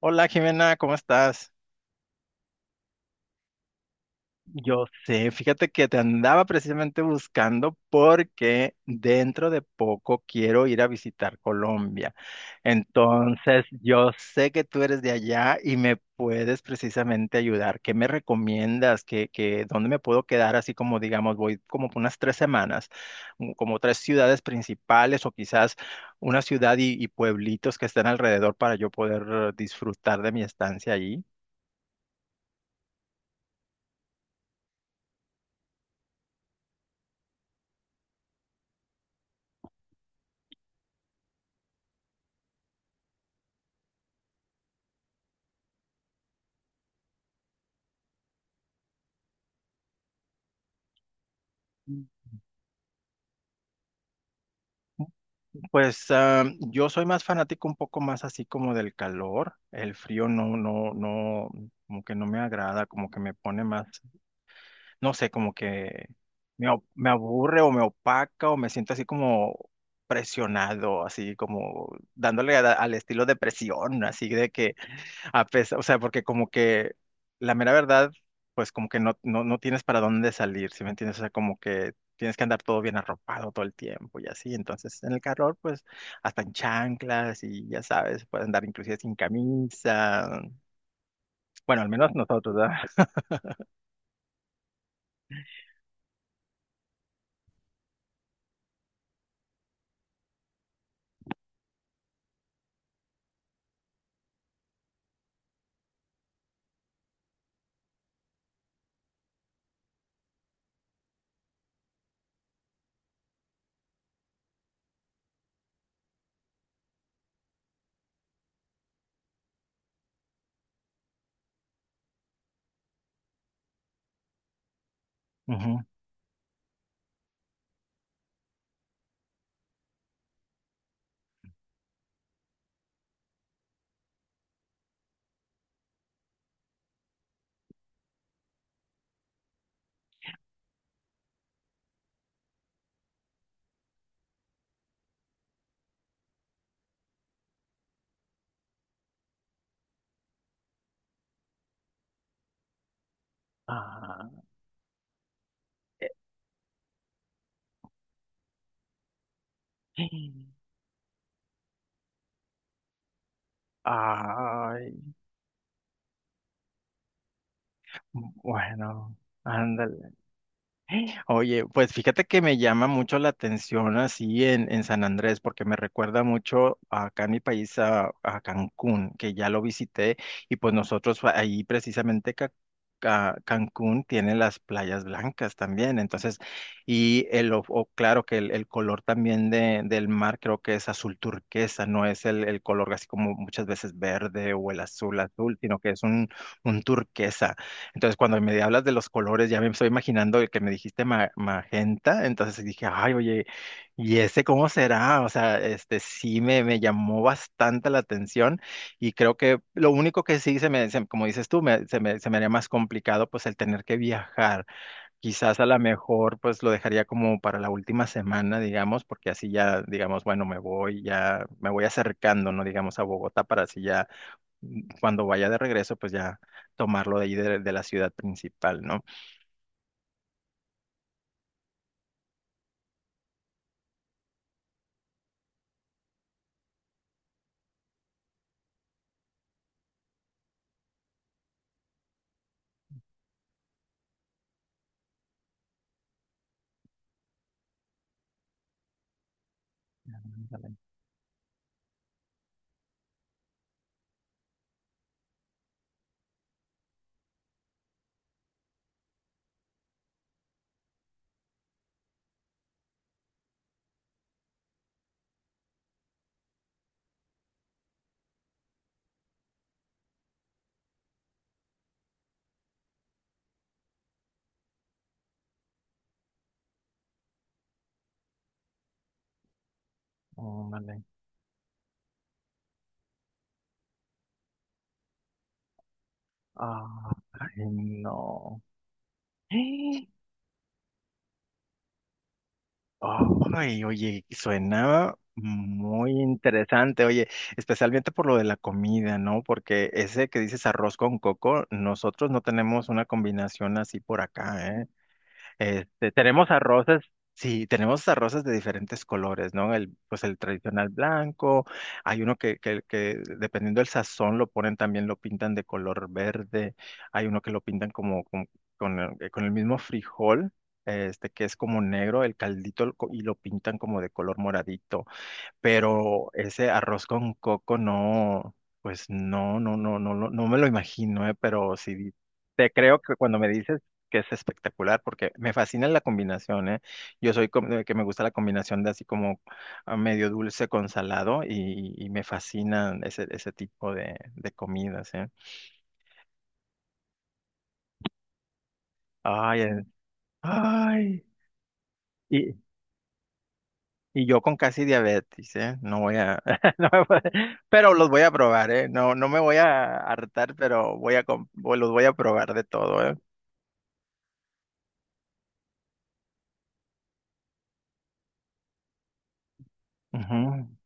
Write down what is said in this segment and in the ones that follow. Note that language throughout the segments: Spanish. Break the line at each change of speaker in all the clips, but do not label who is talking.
Hola Jimena, ¿cómo estás? Yo sé, fíjate que te andaba precisamente buscando porque dentro de poco quiero ir a visitar Colombia. Entonces, yo sé que tú eres de allá y me puedes precisamente ayudar. ¿Qué me recomiendas? ¿ dónde me puedo quedar? Así como, digamos, voy como por unas tres semanas, como tres ciudades principales o quizás una ciudad y pueblitos que estén alrededor para yo poder disfrutar de mi estancia allí. Pues yo soy más fanático un poco más así como del calor, el frío no, no, no, como que no me agrada, como que me pone más, no sé, como que me aburre o me opaca o me siento así como presionado, así como dándole al estilo de presión, así de que a pesar, o sea, porque como que la mera verdad, pues como que no, no, no tienes para dónde salir, ¿sí me entiendes? O sea, como que tienes que andar todo bien arropado todo el tiempo y así. Entonces, en el calor, pues hasta en chanclas y ya sabes, puedes andar inclusive sin camisa. Bueno, al menos nosotros, ¿verdad? Ujú. Ah, ay, bueno, ándale. Oye, pues fíjate que me llama mucho la atención así en San Andrés, porque me recuerda mucho acá en mi país a Cancún, que ya lo visité, y pues nosotros fa- ahí precisamente Ca- Ca- Cancún tiene las playas blancas también, entonces, y el, o claro que el color también del mar creo que es azul turquesa, no es el color así como muchas veces verde o el azul azul, sino que es un turquesa. Entonces, cuando me hablas de los colores, ya me estoy imaginando el que me dijiste magenta, entonces dije, ay, oye, ¿y ese cómo será? O sea, este sí me llamó bastante la atención y creo que lo único que sí como dices tú, se me haría más complicado pues el tener que viajar. Quizás a lo mejor pues lo dejaría como para la última semana, digamos, porque así ya, digamos, bueno, me voy, ya me voy acercando, ¿no? Digamos, a Bogotá para así ya cuando vaya de regreso, pues ya tomarlo de ahí de la ciudad principal, ¿no? Ándale, ándale. Ay, no. Ay, oye, suena muy interesante, oye, especialmente por lo de la comida, ¿no? Porque ese que dices arroz con coco, nosotros no tenemos una combinación así por acá. Este, tenemos arroces, sí, tenemos arroces de diferentes colores, ¿no? El, pues el tradicional blanco, hay uno que dependiendo del sazón lo ponen también, lo pintan de color verde, hay uno que lo pintan como con el mismo frijol, este, que es como negro, el caldito, y lo pintan como de color moradito, pero ese arroz con coco no, pues no, no, no, no, no me lo imagino, pero sí te creo que cuando me dices que es espectacular, porque me fascina la combinación, eh. Yo soy como de que me gusta la combinación de así como ah, medio dulce con salado y me fascinan ese tipo de comidas, eh. Ay, ay. Y yo con casi diabetes, ¿eh? No voy a, no me voy a- pero los voy a probar, ¿eh? No, no me voy a hartar, pero voy a, los voy a probar de todo, ¿eh? Ujú.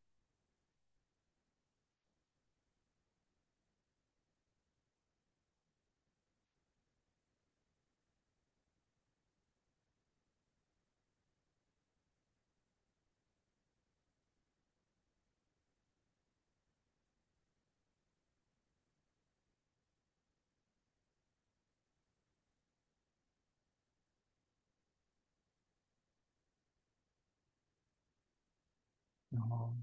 No.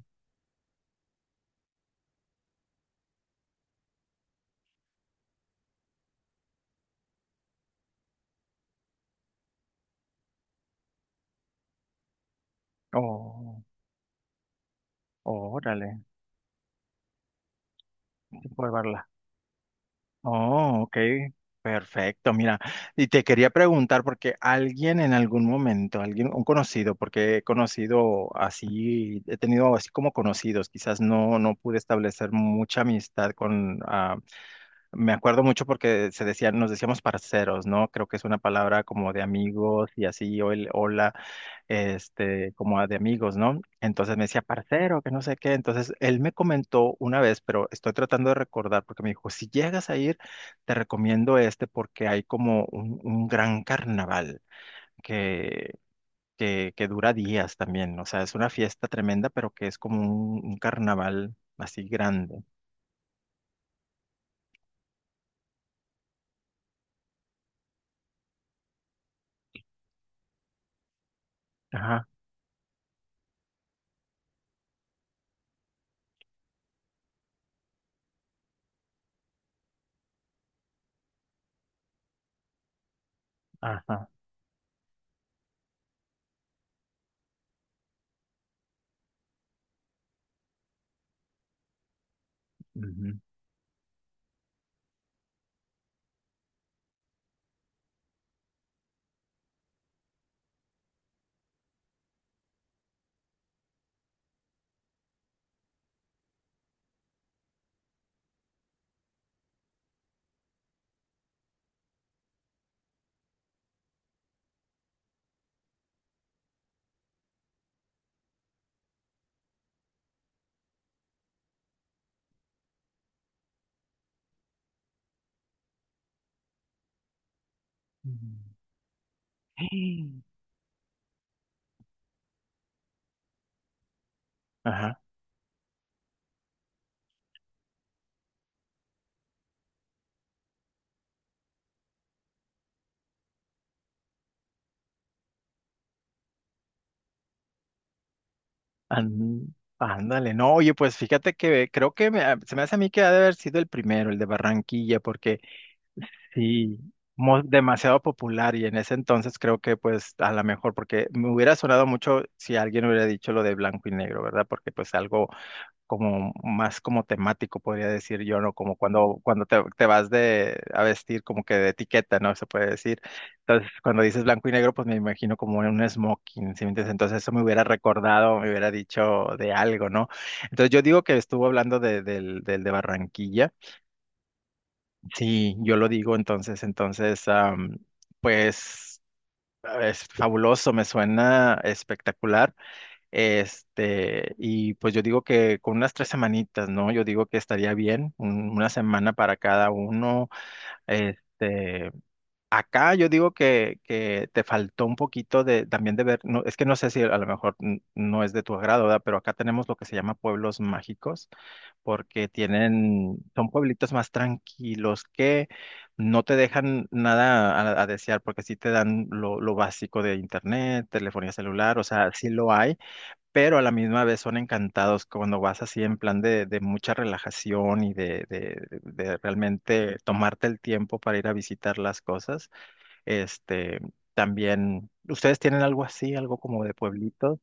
Oh, órale, sí puedo verla. Oh, ok, perfecto, mira. Y te quería preguntar porque alguien en algún momento, alguien, un conocido, porque he conocido así, he tenido así como conocidos, quizás no, no pude establecer mucha amistad con ah. Me acuerdo mucho porque se decían, nos decíamos parceros, ¿no? Creo que es una palabra como de amigos y así, o el hola, este, como de amigos, ¿no? Entonces me decía parcero, que no sé qué. Entonces él me comentó una vez, pero estoy tratando de recordar porque me dijo, si llegas a ir, te recomiendo este porque hay como un gran carnaval que, que dura días también. O sea, es una fiesta tremenda, pero que es como un carnaval así grande. Ajá, ajá. Ujú. Ajá. Ándale, no, oye, pues fíjate que creo que ah, se me hace a mí que ha de haber sido el primero, el de Barranquilla, porque sí, demasiado popular y en ese entonces creo que pues a lo mejor, porque me hubiera sonado mucho si alguien hubiera dicho lo de blanco y negro, ¿verdad? Porque pues algo como más como temático, podría decir yo, ¿no? Como cuando te vas de a vestir como que de etiqueta, ¿no? Se puede decir. Entonces, cuando dices blanco y negro, pues me imagino como un smoking, ¿sí me entiendes? Entonces eso me hubiera recordado, me hubiera dicho de algo, ¿no? Entonces yo digo que estuvo hablando del, del de Barranquilla. Sí, yo lo digo entonces, am, pues... Es fabuloso, me suena espectacular. Este, y pues yo digo que con unas tres semanitas, ¿no? Yo digo que estaría bien, una semana para cada uno. Este, acá yo digo que te faltó un poquito de también de ver, no, es que no sé si a lo mejor no es de tu agrado, ¿verdad? Pero acá tenemos lo que se llama pueblos mágicos porque tienen, son pueblitos más tranquilos que no te dejan nada a desear, porque sí te dan lo básico de internet, telefonía celular, o sea, sí lo hay, pero a la misma vez son encantados cuando vas así en plan de mucha relajación y de realmente tomarte el tiempo para ir a visitar las cosas. Este, también, ¿ustedes tienen algo así, algo como de pueblitos?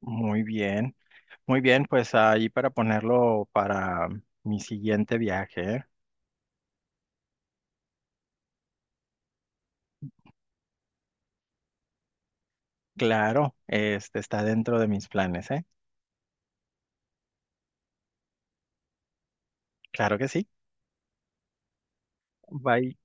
Muy bien, muy bien, pues ahí para ponerlo para mi siguiente viaje, ¿eh? Claro, este está dentro de mis planes, ¿eh? Claro que sí. Bye.